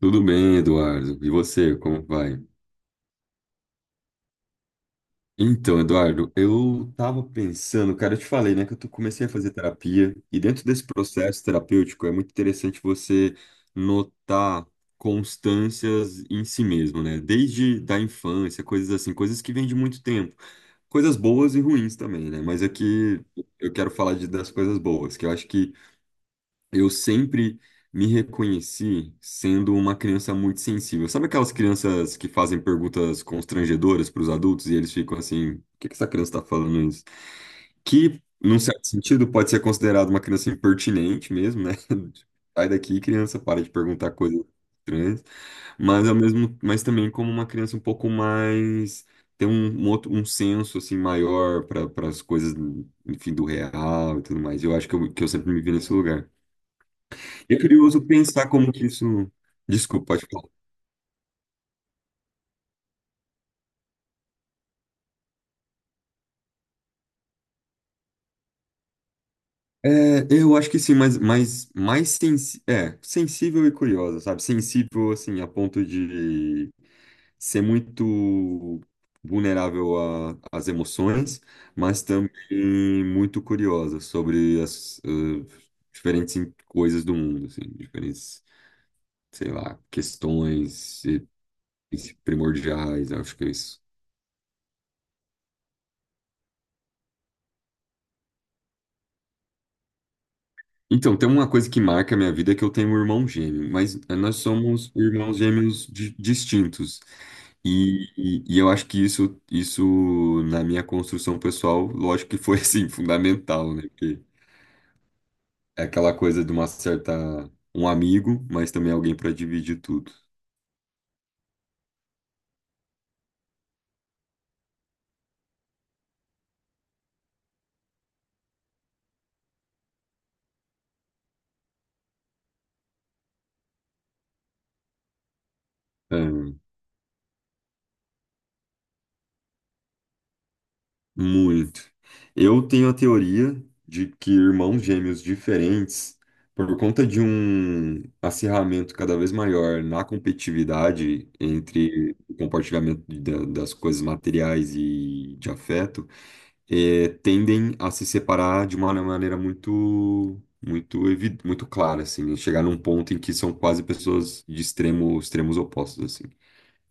Tudo bem, Eduardo? E você, como vai? Então, Eduardo, eu tava pensando, cara, eu te falei, né, que comecei a fazer terapia, e dentro desse processo terapêutico é muito interessante você notar constâncias em si mesmo, né? Desde da infância, coisas assim, coisas que vêm de muito tempo. Coisas boas e ruins também, né? Mas aqui eu quero falar das coisas boas, que eu acho que eu sempre me reconheci sendo uma criança muito sensível. Sabe aquelas crianças que fazem perguntas constrangedoras para os adultos e eles ficam assim: o que que essa criança está falando isso? Que, num certo sentido, pode ser considerado uma criança impertinente mesmo, né? Sai daqui, criança, para de perguntar coisas estranhas. Mas, ao mesmo, mas também como uma criança um pouco mais. Tem um outro um senso assim maior para as coisas, enfim, do real e tudo mais. Eu acho que eu sempre me vi nesse lugar. É curioso pensar como que isso. Desculpa, pode falar. É, eu acho que sim, mas, mais sensível e curiosa, sabe? Sensível, assim, a ponto de ser muito vulnerável às emoções, mas também muito curiosa sobre as diferentes coisas do mundo, assim, diferentes, sei lá, questões primordiais, acho que é isso. Então, tem uma coisa que marca a minha vida é que eu tenho um irmão gêmeo, mas nós somos irmãos gêmeos distintos. E eu acho que isso, na minha construção pessoal, lógico que foi, assim, fundamental, né? Porque é aquela coisa de uma certa... um amigo, mas também alguém para dividir tudo. É. Muito. Eu tenho a teoria de que irmãos gêmeos diferentes, por conta de um acirramento cada vez maior na competitividade entre o compartilhamento das coisas materiais e de afeto, tendem a se separar de uma maneira muito, muito clara, assim, né? Chegar num ponto em que são quase pessoas de extremos opostos, assim.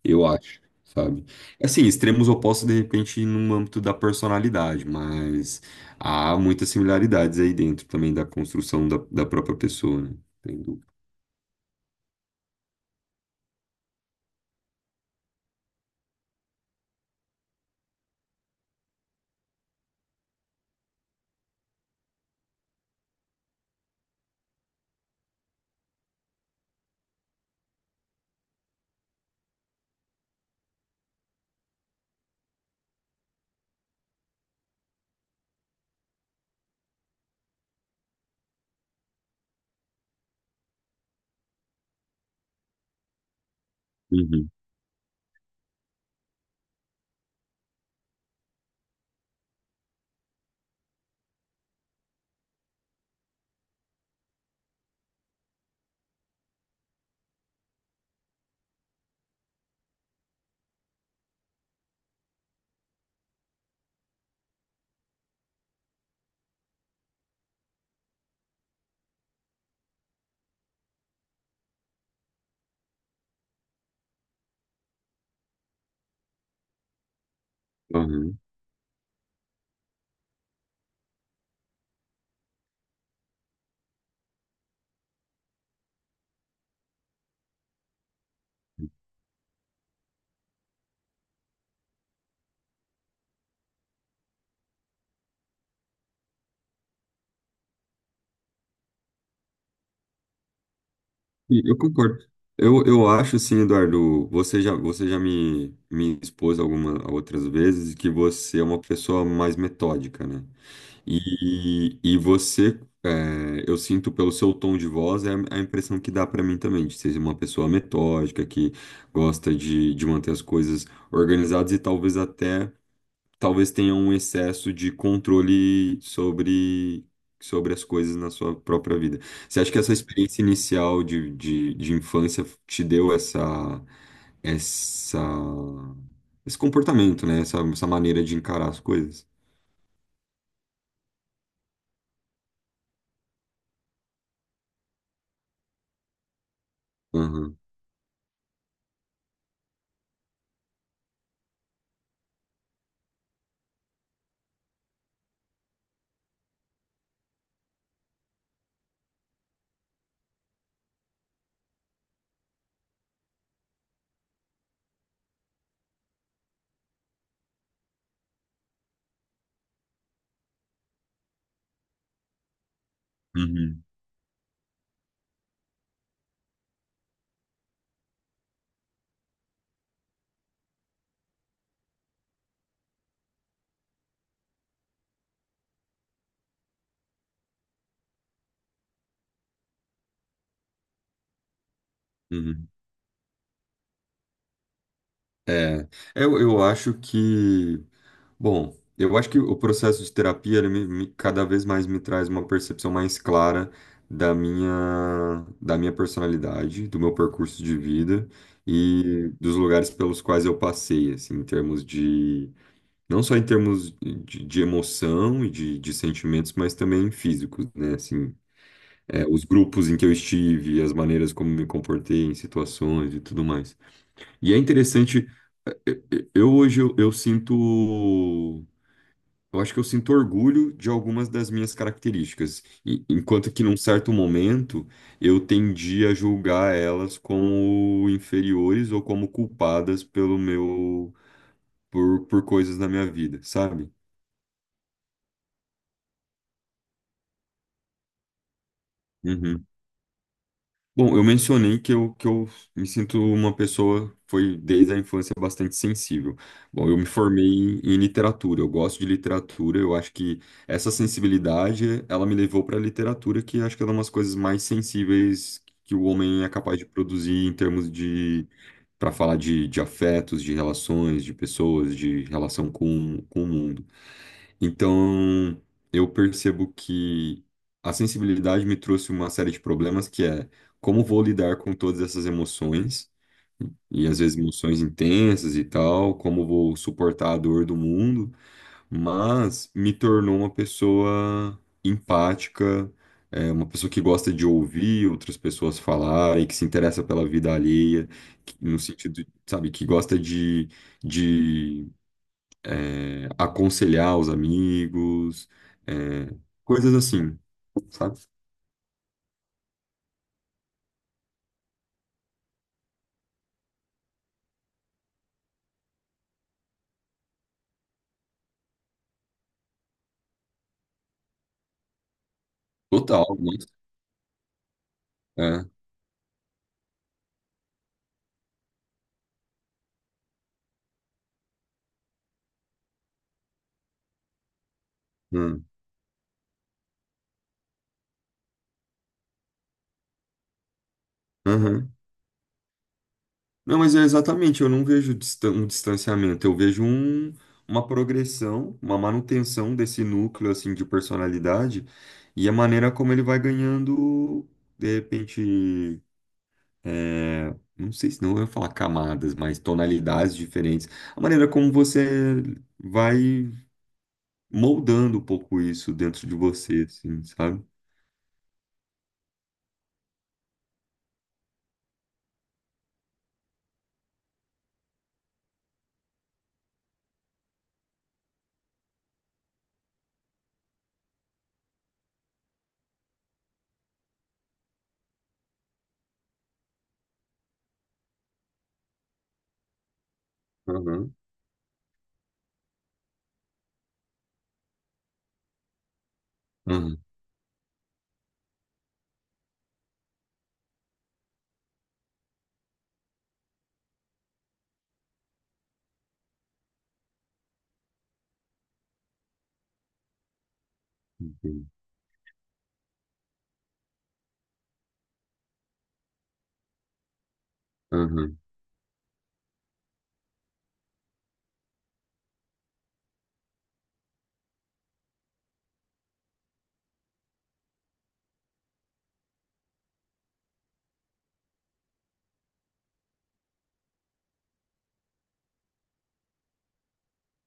Eu acho, sabe? É assim, extremos opostos, de repente, no âmbito da personalidade, mas há muitas similaridades aí dentro também da construção da própria pessoa, né? Sem dúvida. Uhum, aham. Sim, eu concordo. Eu acho assim, Eduardo, você já, me, me expôs algumas outras vezes que você é uma pessoa mais metódica, né? E você, é, eu sinto pelo seu tom de voz, é a impressão que dá pra mim também, de ser uma pessoa metódica, que gosta de manter as coisas organizadas e talvez até, talvez tenha um excesso de controle sobre as coisas na sua própria vida. Você acha que essa experiência inicial de infância te deu essa, essa, esse comportamento, né? Essa maneira de encarar as coisas? Aham, uhum, uhum. É, eu, eu acho que, bom, eu acho que o processo de terapia, ele cada vez mais me traz uma percepção mais clara da minha personalidade, do meu percurso de vida e dos lugares pelos quais eu passei, assim, em termos de, não só em termos de emoção e de sentimentos, mas também físicos, né, assim, é, os grupos em que eu estive, as maneiras como me comportei em situações e tudo mais. E é interessante eu eu hoje eu sinto, eu acho que eu sinto orgulho de algumas das minhas características, enquanto que num certo momento eu tendi a julgar elas como inferiores ou como culpadas pelo meu por coisas na minha vida, sabe? Uhum. Bom, eu mencionei que eu me sinto uma pessoa, foi desde a infância, bastante sensível. Bom, eu me formei em literatura, eu gosto de literatura, eu acho que essa sensibilidade, ela me levou para a literatura, que acho que é uma das coisas mais sensíveis que o homem é capaz de produzir em termos de, para falar de afetos, de relações, de pessoas, de relação com o mundo. Então, eu percebo que a sensibilidade me trouxe uma série de problemas que é como vou lidar com todas essas emoções, e às vezes emoções intensas e tal, como vou suportar a dor do mundo, mas me tornou uma pessoa empática, é, uma pessoa que gosta de ouvir outras pessoas falarem, que se interessa pela vida alheia, que- no sentido, sabe, que gosta de aconselhar os amigos, é, coisas assim, sabe? Total, nossa. É. Hum, aham. Não, mas é exatamente, eu não vejo um distanciamento, eu vejo uma progressão, uma manutenção desse núcleo assim de personalidade e a maneira como ele vai ganhando, de repente, é, não sei se não eu ia falar camadas, mas tonalidades diferentes, a maneira como você vai moldando um pouco isso dentro de você, assim, sabe? Aham, aham, sim, aham.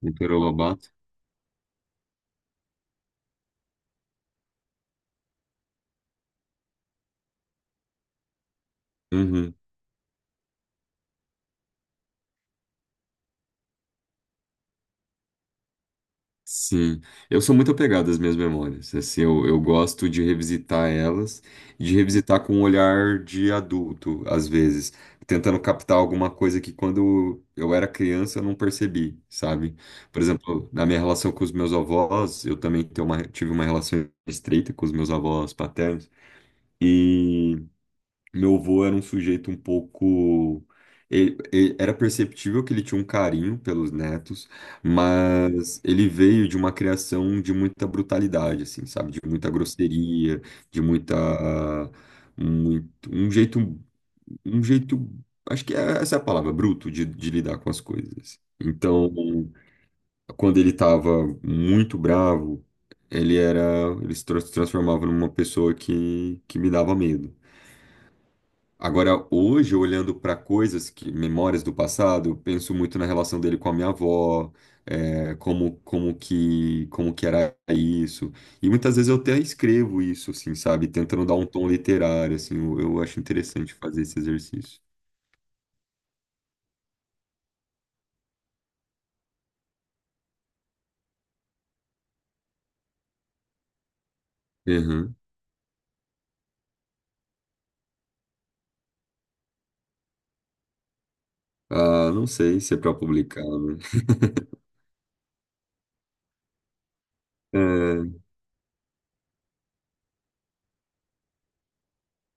Monteiro Lobato? Uhum, sim. Eu sou muito apegado às minhas memórias, assim, eu gosto de revisitar elas, de revisitar com um olhar de adulto, às vezes, tentando captar alguma coisa que quando eu era criança eu não percebi, sabe? Por exemplo, na minha relação com os meus avós, eu também tenho uma, tive uma relação estreita com os meus avós paternos, e... Meu avô era um sujeito um pouco. Era perceptível que ele tinha um carinho pelos netos, mas ele veio de uma criação de muita brutalidade, assim, sabe? De muita grosseria, de muita. Muito- um jeito. Um jeito. Acho que é- essa é a palavra, bruto, de lidar com as coisas. Então, quando ele estava muito bravo, ele era. Ele se transformava numa pessoa que me dava medo. Agora, hoje, olhando para coisas que, memórias do passado, eu penso muito na relação dele com a minha avó, é, como que era isso. E muitas vezes eu até escrevo isso, assim, sabe? Tentando dar um tom literário, assim, eu acho interessante fazer esse exercício. Uhum. Ah, não sei se é para publicar, né? É,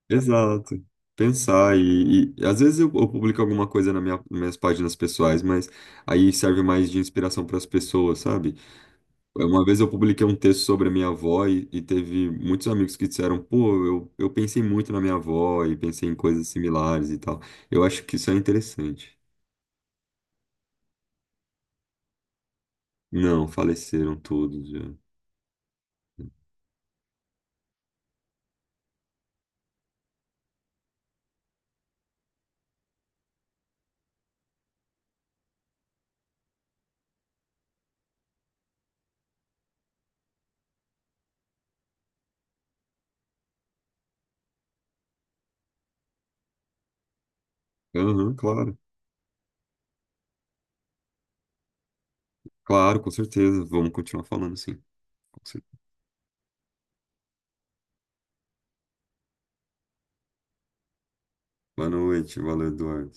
exato. Pensar e às vezes eu publico alguma coisa na nas minhas páginas pessoais, mas aí serve mais de inspiração para as pessoas, sabe? É, uma vez eu publiquei um texto sobre a minha avó e teve muitos amigos que disseram, pô, eu pensei muito na minha avó e pensei em coisas similares e tal. Eu acho que isso é interessante. Não, faleceram todos já. Aham, claro. Claro, com certeza. Vamos continuar falando, sim. Com cer- Boa noite, valeu, Eduardo.